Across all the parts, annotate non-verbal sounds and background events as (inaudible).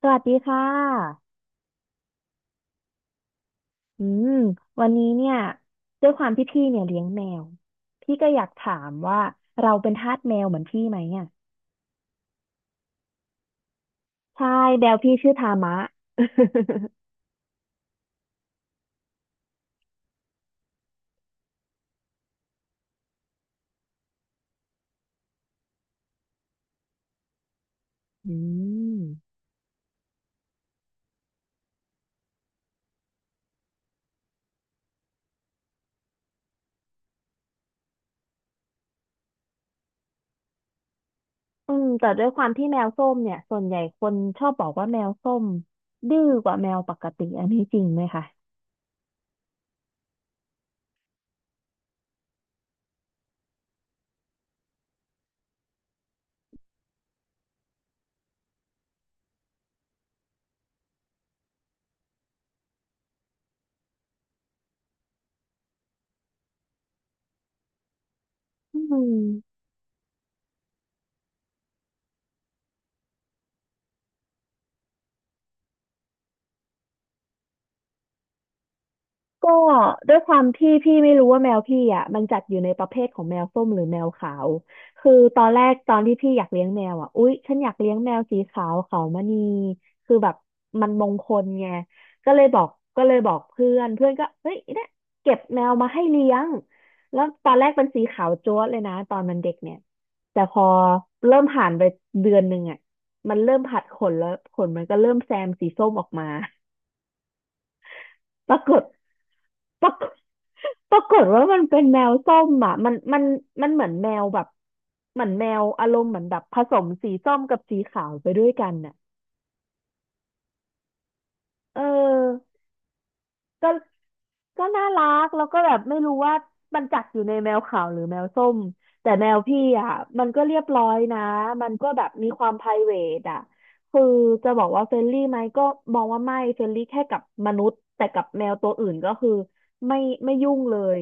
สวัสดีค่ะอืมวันนี้เนี่ยด้วยความที่พี่เนี่ยเลี้ยงแมวพี่ก็อยากถามว่าเราเป็นทาสแมวเหมือนพี่ไหมอ่ะใช่แมวพี่ชื่อทามะ (laughs) อืมอืมแต่ด้วยความที่แมวส้มเนี่ยส่วนใหญ่คนชอบบอกว่าแมวส้มดื้อกว่าแมวปกติอันนี้จริงไหมคะอืม ก็ด้วยความที่พี่ไม่รู้ว่าแมวพี่อ่ะมันจัดอยู่ในประเภทของแมวส้มหรือแมวขาวคือตอนแรกตอนที่พี่อยากเลี้ยงแมวอ่ะอุ๊ยฉันอยากเลี้ยงแมวสีขาวขาวมณีคือแบบมันมงคลไงก็เลยบอกก็เลยบอกเพื่อนเพื่อนก็เฮ้ยเนี่ยเก็บแมวมาให้เลี้ยงแล้วตอนแรกเป็นสีขาวจั๊วะเลยนะตอนมันเด็กเนี่ยแต่พอเริ่มผ่านไปเดือนหนึ่งอ่ะมันเริ่มผัดขนแล้วขนมันก็เริ่มแซมสีส้มออกมา ปรากฏปรากฏปรากฏว่ามันเป็นแมวส้มอ่ะมันเหมือนแมวแบบเหมือนแมวอารมณ์เหมือนแบบผสมสีส้มกับสีขาวไปด้วยกันน่ะเออก็ก็น่ารักแล้วก็แบบไม่รู้ว่ามันจัดอยู่ในแมวขาวหรือแมวส้มแต่แมวพี่อ่ะมันก็เรียบร้อยนะมันก็แบบมีความ p r i v a t อ่ะคือจะบอกว่าเฟรนลี่ไหมก็มองว่าไม่เฟรนลี่แค่กับมนุษย์แต่กับแมวตัวอื่นก็คือไม่ไม่ยุ่งเลย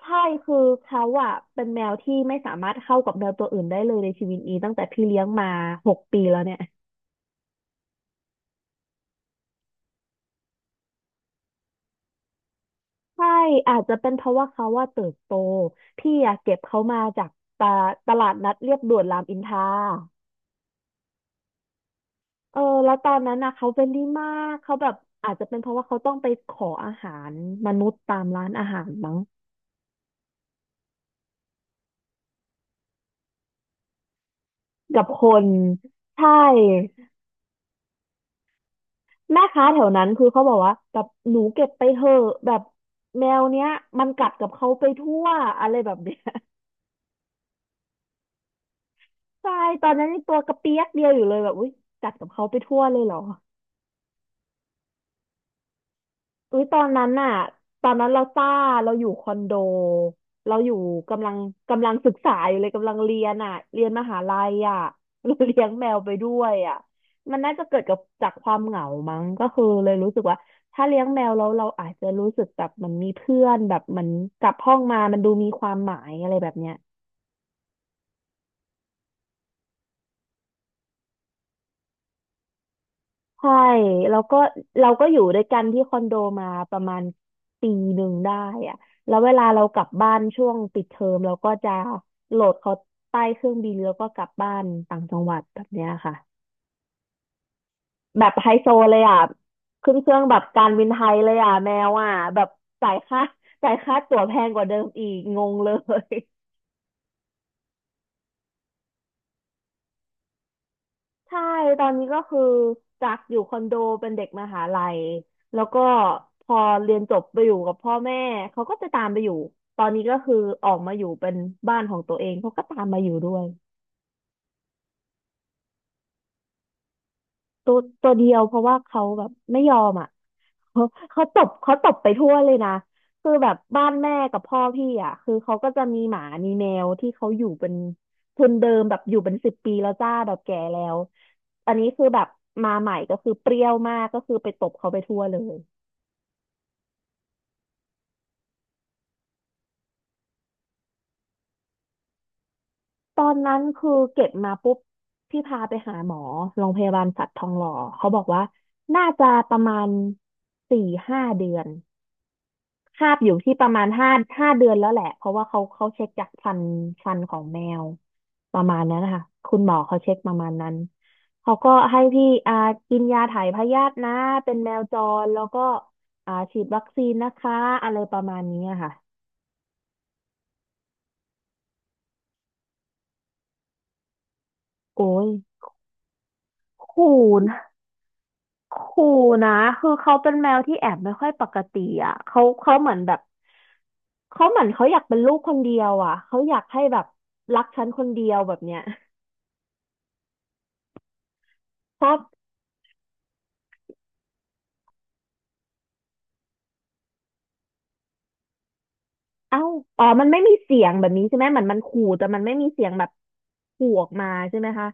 ใช่คือเขาอะเป็นแมวที่ไม่สามารถเข้ากับแมวตัวอื่นได้เลยในชีวิตนี้ตั้งแต่พี่เลี้ยงมา6 ปีแล้วเนี่ยใช่อาจจะเป็นเพราะว่าเขาว่าเติบโตพี่อะเก็บเขามาจากตาตลาดนัดเรียบด่วนรามอินทราเออแล้วตอนนั้นนะเขาเป็นดี่มากเขาแบบอาจจะเป็นเพราะว่าเขาต้องไปขออาหารมนุษย์ตามร้านอาหารมั้งกับคนใช่ แม่ค้าแถวนั้นคือเขาบอกว่าแบบหนูเก็บไปเถอะแบบแมวเนี้ยมันกัดกับเขาไปทั่วอะไรแบบเนี้ย (laughs) ใช่ตอนนั้นยังตัวกระเปียกเดียวอยู่เลยแบบอุ้ยกัดกับเขาไปทั่วเลยเหรอ อุ้ยตอนนั้นน่ะตอนนั้นเราซ่าเราอยู่คอนโดเราอยู่กำลังกำลังศึกษาอยู่เลยกำลังเรียนอ่ะเรียนมหาลัยอ่ะ (laughs) เราเลี้ยงแมวไปด้วยอ่ะมันน่าจะเกิดกับจากความเหงามั้งก็คือเลยรู้สึกว่าถ้าเลี้ยงแมวแล้วเราอาจจะรู้สึกแบบมันมีเพื่อนแบบเหมันกลับห้องมามันดูมีความหมายอะไรแบบเนี้ย ใช่แล้วก็เราก็อยู่ด้วยกันที่คอนโดมาประมาณปีหนึ่งได้อะแล้วเวลาเรากลับบ้านช่วงปิดเทอมเราก็จะโหลดเขาใต้เครื่องบินแล้วก็กลับบ้านต่างจังหวัดแบบเนี้ยค่ะแบบไฮโซเลยอ่ะขึ้นเครื่องแบบการบินไทยเลยอ่ะแมวอ่ะแบบจ่ายค่าจ่ายค่าตั๋วแพงกว่าเดิมอีกงงเลย ใช่ตอนนี้ก็คือจากอยู่คอนโดเป็นเด็กมหาลัยแล้วก็พอเรียนจบไปอยู่กับพ่อแม่เขาก็จะตามไปอยู่ตอนนี้ก็คือออกมาอยู่เป็นบ้านของตัวเองเขาก็ตามมาอยู่ด้วย ตัวตัวเดียวเพราะว่าเขาแบบไม่ยอมอ่ะ (laughs) เขาเขาตบไปทั่วเลยนะคือแบบบ้านแม่กับพ่อพี่อ่ะคือเขาก็จะมีหมามีแมวที่เขาอยู่เป็นทุนเดิมแบบอยู่เป็น10 ปีแล้วจ้าแบบแก่แล้วอันนี้คือแบบมาใหม่ก็คือเปรี้ยวมากก็คือไปตบเขาไปทั่วเลยตอนนั้นคือเก็บมาปุ๊บพี่พาไปหาหมอโรงพยาบาลสัตว์ทองหล่อเขาบอกว่าน่าจะประมาณ4-5 เดือน คาบอยู่ที่ประมาณห้าเดือนแล้วแหละเพราะว่าเขาเช็คจากฟันฟันของแมวประมาณนั้นนะคะคุณหมอเขาเช็คประมาณนั้นเขาก็ให้พี่กินยาถ่ายพยาธินะเป็นแมวจรแล้วก็ฉีดวัคซีนนะคะอะไรประมาณนี้อะค่ะโอ้ยขู่นะขู่นะคือเขาเป็นแมวที่แอบไม่ค่อยปกติอ่ะเขาเหมือนแบบเขาเหมือนเขาอยากเป็นลูกคนเดียวอ่ะเขาอยากให้แบบรักฉันคนเดียวแบบเนี้ยชอบ เอ้า อ๋อ มันไม่มีเสียงแบบนี้ใช่ไหมเหมือนมันขู่แต่มันไม่มีเสียงแบบขู่ออกมาใช่ไหมคะ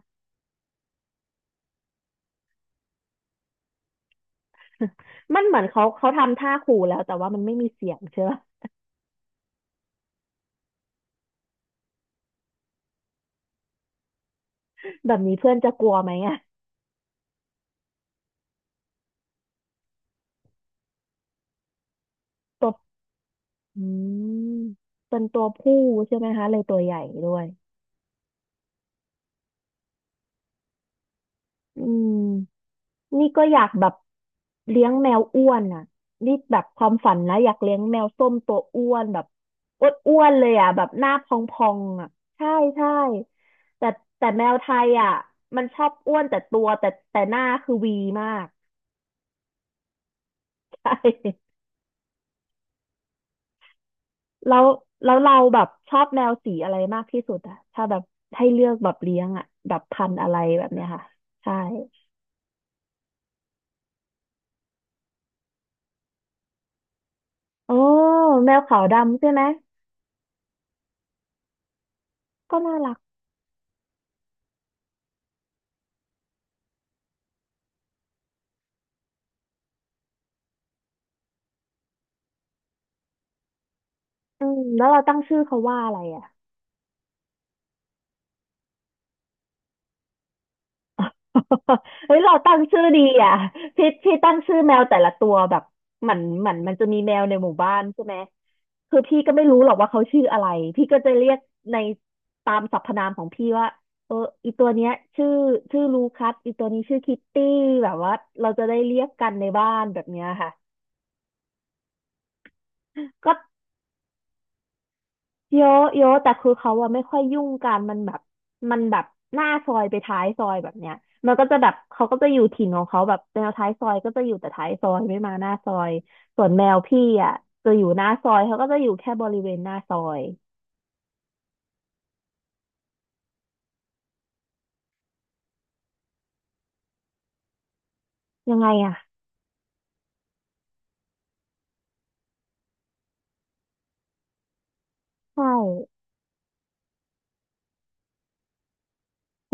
มันเหมือนเขาทำท่าขู่แล้วแต่ว่ามันไม่มีเสียงใช่ปะ (laughs) แบบนี้เพื่อนจะกลัวไหมอะตัวอืมเป็นตัวผู้ใช่ไหมคะเลยตัวใหญ่ด้วยอืม นี่ก็อยากแบบเลี้ยงแมวอ้วนอ่ะนี่แบบความฝันนะอยากเลี้ยงแมวส้มตัวอ้วนแบบอ้วนเลยอ่ะแบบหน้าพองๆอ่ะใช่ใช่แต่แต่แมวไทยอ่ะมันชอบอ้วนแต่ตัวแต่หน้าคือวีมากใช่แล้วแล้วเราแบบชอบแมวสีอะไรมากที่สุดอ่ะถ้าแบบให้เลือกแบบเลี้ยงอ่ะแบบพันธุ์อะไรแบบเนี้ยค่ะใช่โอ้แมวขาวดำใช่ไหมก็น่ารักอืมแล้วเราตั้งชื่อเขาว่าอะไรอ่ะ (laughs) เฮ้ยเราตั้งชื่อดีอ่ะพี่ตั้งชื่อแมวแต่ละตัวแบบเหมือนมันจะมีแมวในหมู่บ้านใช่ไหมคือพี่ก็ไม่รู้หรอกว่าเขาชื่ออะไรพี่ก็จะเรียกในตามสรรพนามของพี่ว่าเอออีตัวเนี้ยชื่อชื่อลูคัสอีตัวนี้ชื่อคิตตี้แบบว่าเราจะได้เรียกกันในบ้านแบบเนี้ยค่ะก็ เยอะเยอะแต่คือเขาอะไม่ค่อยยุ่งกันมันแบบหน้าซอยไปท้ายซอยแบบเนี้ยมันก็จะแบบเขาก็จะอยู่ถิ่นของเขาแบบแนวท้ายซอยก็จะอยู่แต่ท้ายซอยไม่มาหน้าซอยส่วนแมวพี่อะจะอยู่หน้าซอยเขาก็จะอยู่แค่บริเวณหน้าซอยยังไงอะใช่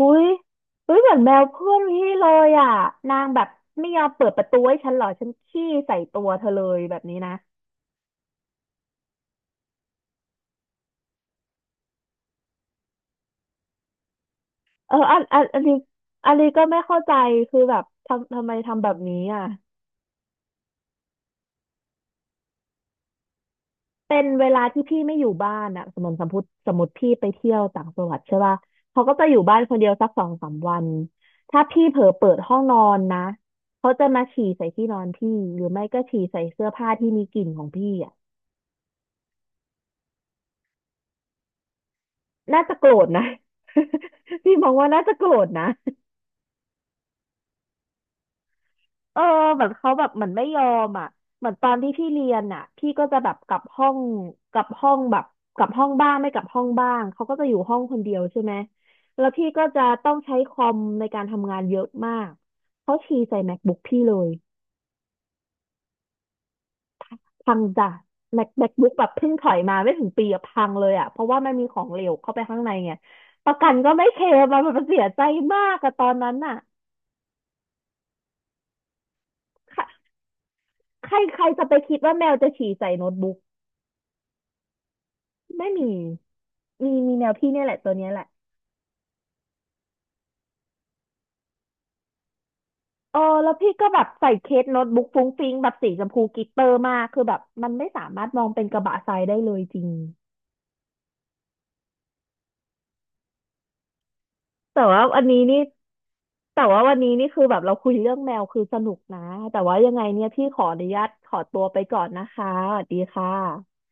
อุ้ยอุ้ยเหมือนแมวเพื่อนพี่เลยอะนางแบบไม่ยอมเปิดประตูให้ฉันหรอฉันขี้ใส่ตัวเธอเลยแบบนี้นะเอออันนี้อันนี้ก็ไม่เข้าใจคือแบบทำไมทำแบบนี้อะ เป็นเวลาที่พี่ไม่อยู่บ้านอะสมมติพี่ไปเที่ยวต่างจังหวัดใช่ป่ะเขาก็จะอยู่บ้านคนเดียวสักสองสามวัน ถ้าพี่เผลอเปิดห้องนอนนะเขาจะมาฉี่ใส่ที่นอนพี่หรือไม่ก็ฉี่ใส่เสื้อผ้าที่มีกลิ่นของพี่อะน่าจะโกรธนะ (laughs) พี่มองว่าน่าจะโกรธนะ เออเหมือนเขาแบบเหมือนไม่ยอมอ่ะเหมือนตอนที่พี่เรียนอ่ะพี่ก็จะแบบกลับห้องแบบกลับห้องบ้างไม่กลับห้องบ้างเขาก็จะอยู่ห้องคนเดียวใช่ไหมแล้วพี่ก็จะต้องใช้คอมในการทำงานเยอะมากเขาฉี่ใส่ MacBook พี่เลยพังจ้ะ MacBook แบบเพิ่งถอยมาไม่ถึงปีอะพังเลยอ่ะเพราะว่ามันมีของเหลวเข้าไปข้างในไงประกันก็ไม่เคลมอะมันเสียใจมากอะตอนนั้นน่ะใครใครใครจะไปคิดว่าแมวจะฉี่ใส่โน้ตบุ๊ก ไม่มี มีแนวพี่เนี่ยแหละตัวเนี้ยแหละเออแล้วพี่ก็แบบใส่เคสโน้ตบุ๊กฟุ้งฟิ้งแบบสีชมพูกลิตเตอร์มากคือแบบมันไม่สามารถมองเป็นกระบะทรายได้เลยจริง แต่ว่าวันนี้นี่แต่ว่าวันนี้นี่คือแบบเราคุยเรื่องแมวคือสนุกนะ แต่ว่ายังไงเนี่ยพี่ขออนุญาตขอตัวไปก่อนนะคะสวัสดีค่ะ